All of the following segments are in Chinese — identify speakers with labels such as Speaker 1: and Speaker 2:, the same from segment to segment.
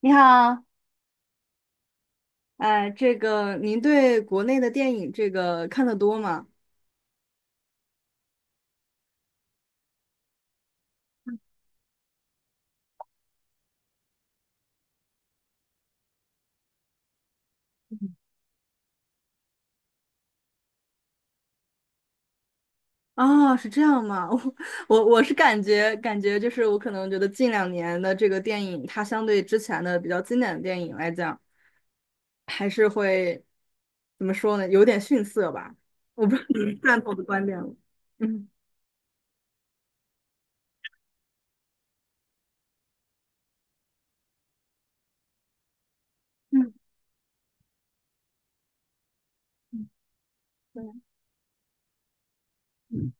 Speaker 1: 你好，哎，这个您对国内的电影这个看得多吗？啊，是这样吗？我是感觉就是我可能觉得近两年的这个电影，它相对之前的比较经典的电影来讲，还是会怎么说呢？有点逊色吧。我不知道你赞同我的观点了。嗯嗯，对，嗯。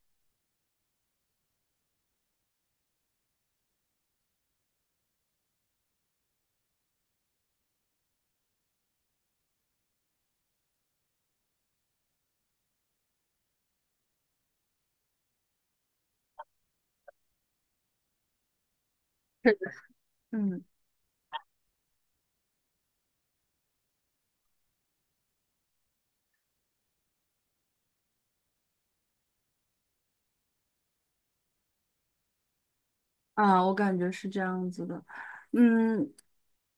Speaker 1: 啊，我感觉是这样子的，嗯，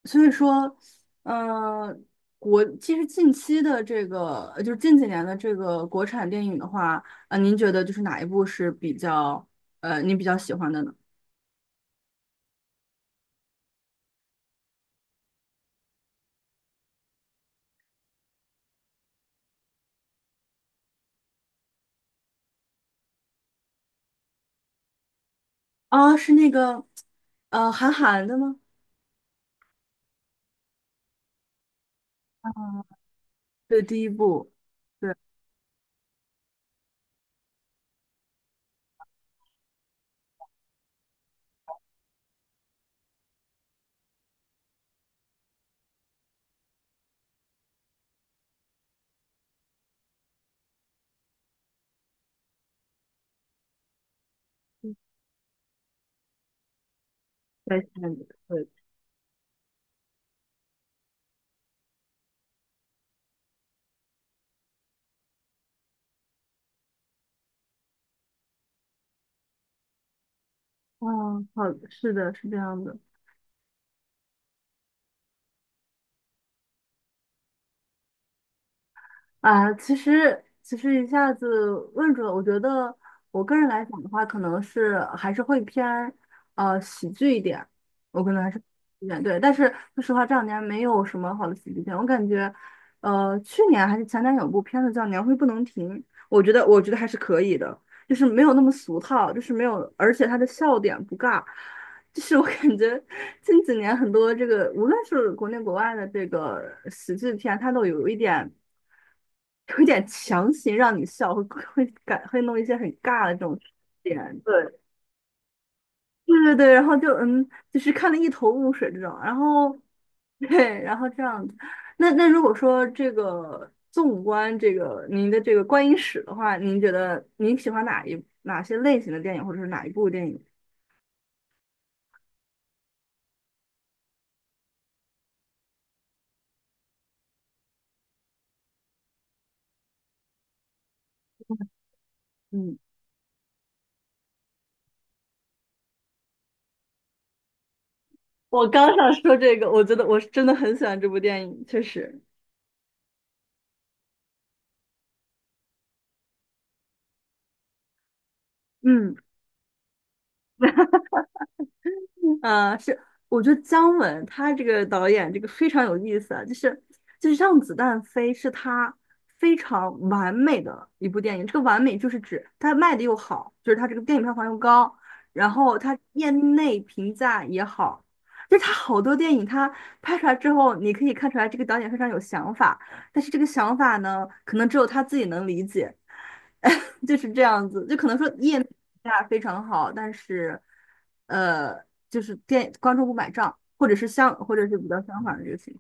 Speaker 1: 所以说，呃，其实近期的这个，就是近几年的这个国产电影的话，您觉得就是哪一部是比较，您比较喜欢的呢？啊，是那个，韩寒的吗？对，第一部，对，在下一个对，嗯，好，是的，是这样的。啊，其实一下子问住了，我觉得我个人来讲的话，可能是还是会偏喜剧一点，我可能还是一点对，但是说实话这两年没有什么好的喜剧片，我感觉去年还是前年有部片子叫《年会不能停》，我觉得还是可以的，就是没有那么俗套，就是没有，而且它的笑点不尬，就是我感觉近几年很多这个无论是国内国外的这个喜剧片，它都有一点。有点强行让你笑，会弄一些很尬的这种点，对，对对对，然后就就是看得一头雾水这种，然后对，然后这样子。那那如果说这个纵观这个您的这个观影史的话，您觉得您喜欢哪些类型的电影，或者是哪一部电影？嗯，我刚想说这个，我觉得我是真的很喜欢这部电影，确实。嗯。啊，是，我觉得姜文他这个导演这个非常有意思啊，就是《让子弹飞》是他非常完美的一部电影，这个完美就是指他卖的又好，就是他这个电影票房又高，然后他业内评价也好，就是他好多电影他拍出来之后，你可以看出来这个导演非常有想法，但是这个想法呢，可能只有他自己能理解。就是这样子，就可能说业内评价非常好，但是，呃，就是店观众不买账，或者是比较相反的这个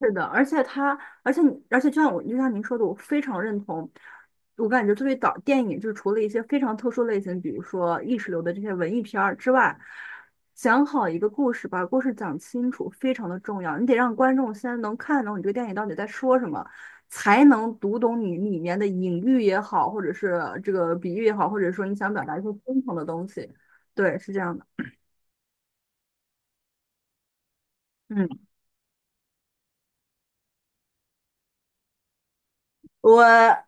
Speaker 1: 是的，而且他，而且你而且就像我，就像您说的，我非常认同。我感觉作为导电影就是除了一些非常特殊类型，比如说意识流的这些文艺片儿之外，讲好一个故事，把故事讲清楚非常的重要。你得让观众先能看懂你这个电影到底在说什么，才能读懂你里面的隐喻也好，或者是这个比喻也好，或者说你想表达一些深层的东西。对，是这样的。嗯。我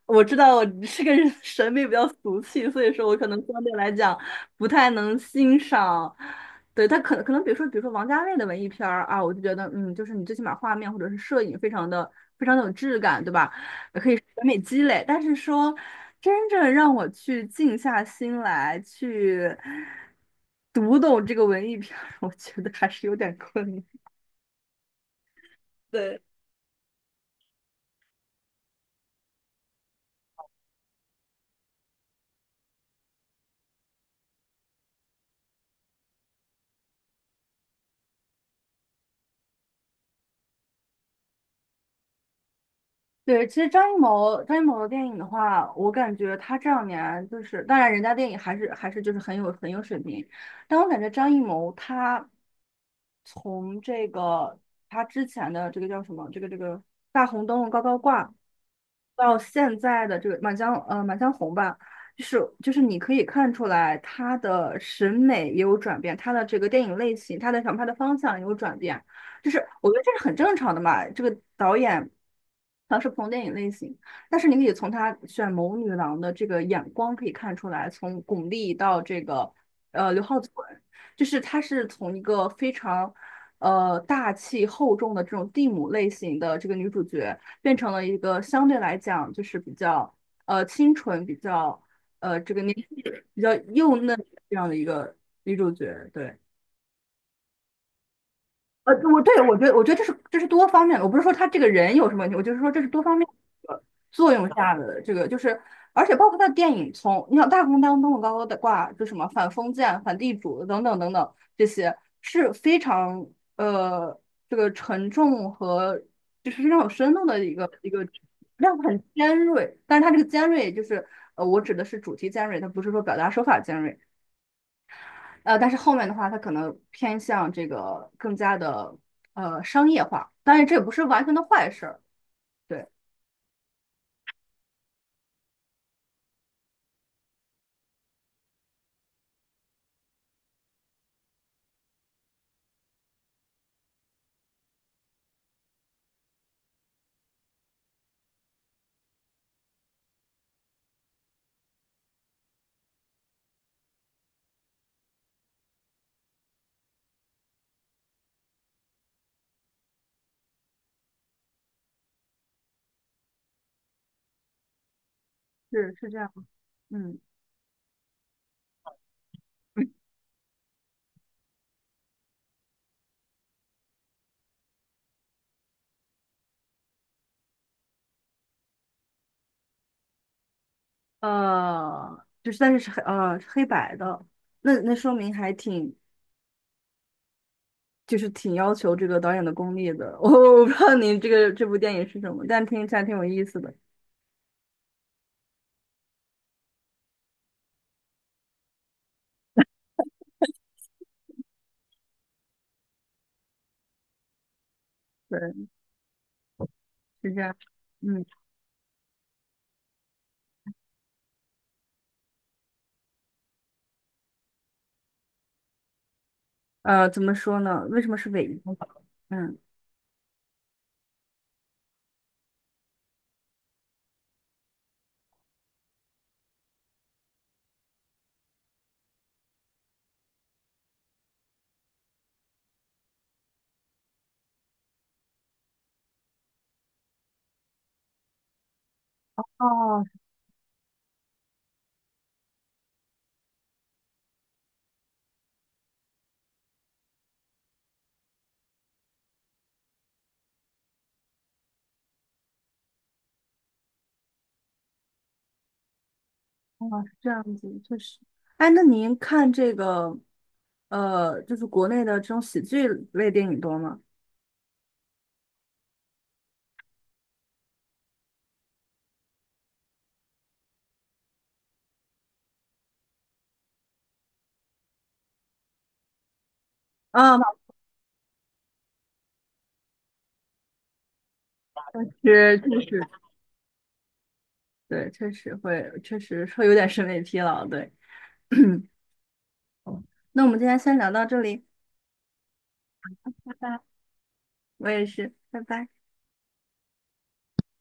Speaker 1: 我知道我这个人 审美比较俗气，所以说我可能相对来讲不太能欣赏。对，他可能比如说王家卫的文艺片儿啊，我就觉得嗯，就是你最起码画面或者是摄影非常的有质感，对吧？可以审美积累。但是说真正让我去静下心来去读懂这个文艺片儿，我觉得还是有点困难。对。对，其实张艺谋的电影的话，我感觉他这两年就是，当然人家电影还是就是很有水平，但我感觉张艺谋他从这个他之前的这个叫什么，这个大红灯笼高高挂，到现在的这个满江红吧，就是你可以看出来他的审美也有转变，他的这个电影类型，他的想拍的方向也有转变。就是我觉得这是很正常的嘛。这个导演他是不同电影类型，但是你可以从他选谋女郎的这个眼光可以看出来，从巩俐到这个刘浩存，就是他是从一个非常大气厚重的这种地母类型的这个女主角，变成了一个相对来讲就是比较清纯、比较这个年纪比较幼嫩这样的一个女主角，对。我觉得这是多方面的，我不是说他这个人有什么问题，我就是说这是多方面的作用下的这个，就是而且包括他的电影从，你想大红灯笼高高的挂，就什么反封建、反地主等等等等这些是非常呃这个沉重和就是非常有深度的一个一个量很尖锐，但是他这个尖锐就是我指的是主题尖锐，它不是说表达手法尖锐。但是后面的话，它可能偏向这个更加的商业化，当然这也不是完全的坏事儿，对，是是这样，嗯 就是但是是黑呃是黑白的，那说明就是挺要求这个导演的功力的，我不知道你这个这部电影是什么，但听起来挺有意思的，对，是这样，嗯，怎么说呢？为什么是伪一？嗯，哦，哦，是这样子，确实。哎，那您看这个，就是国内的这种喜剧类电影多吗？啊，老师，确实，对，确实会，确实会有点审美疲劳，对。那我们今天先聊到这里，拜拜。我也是，拜拜。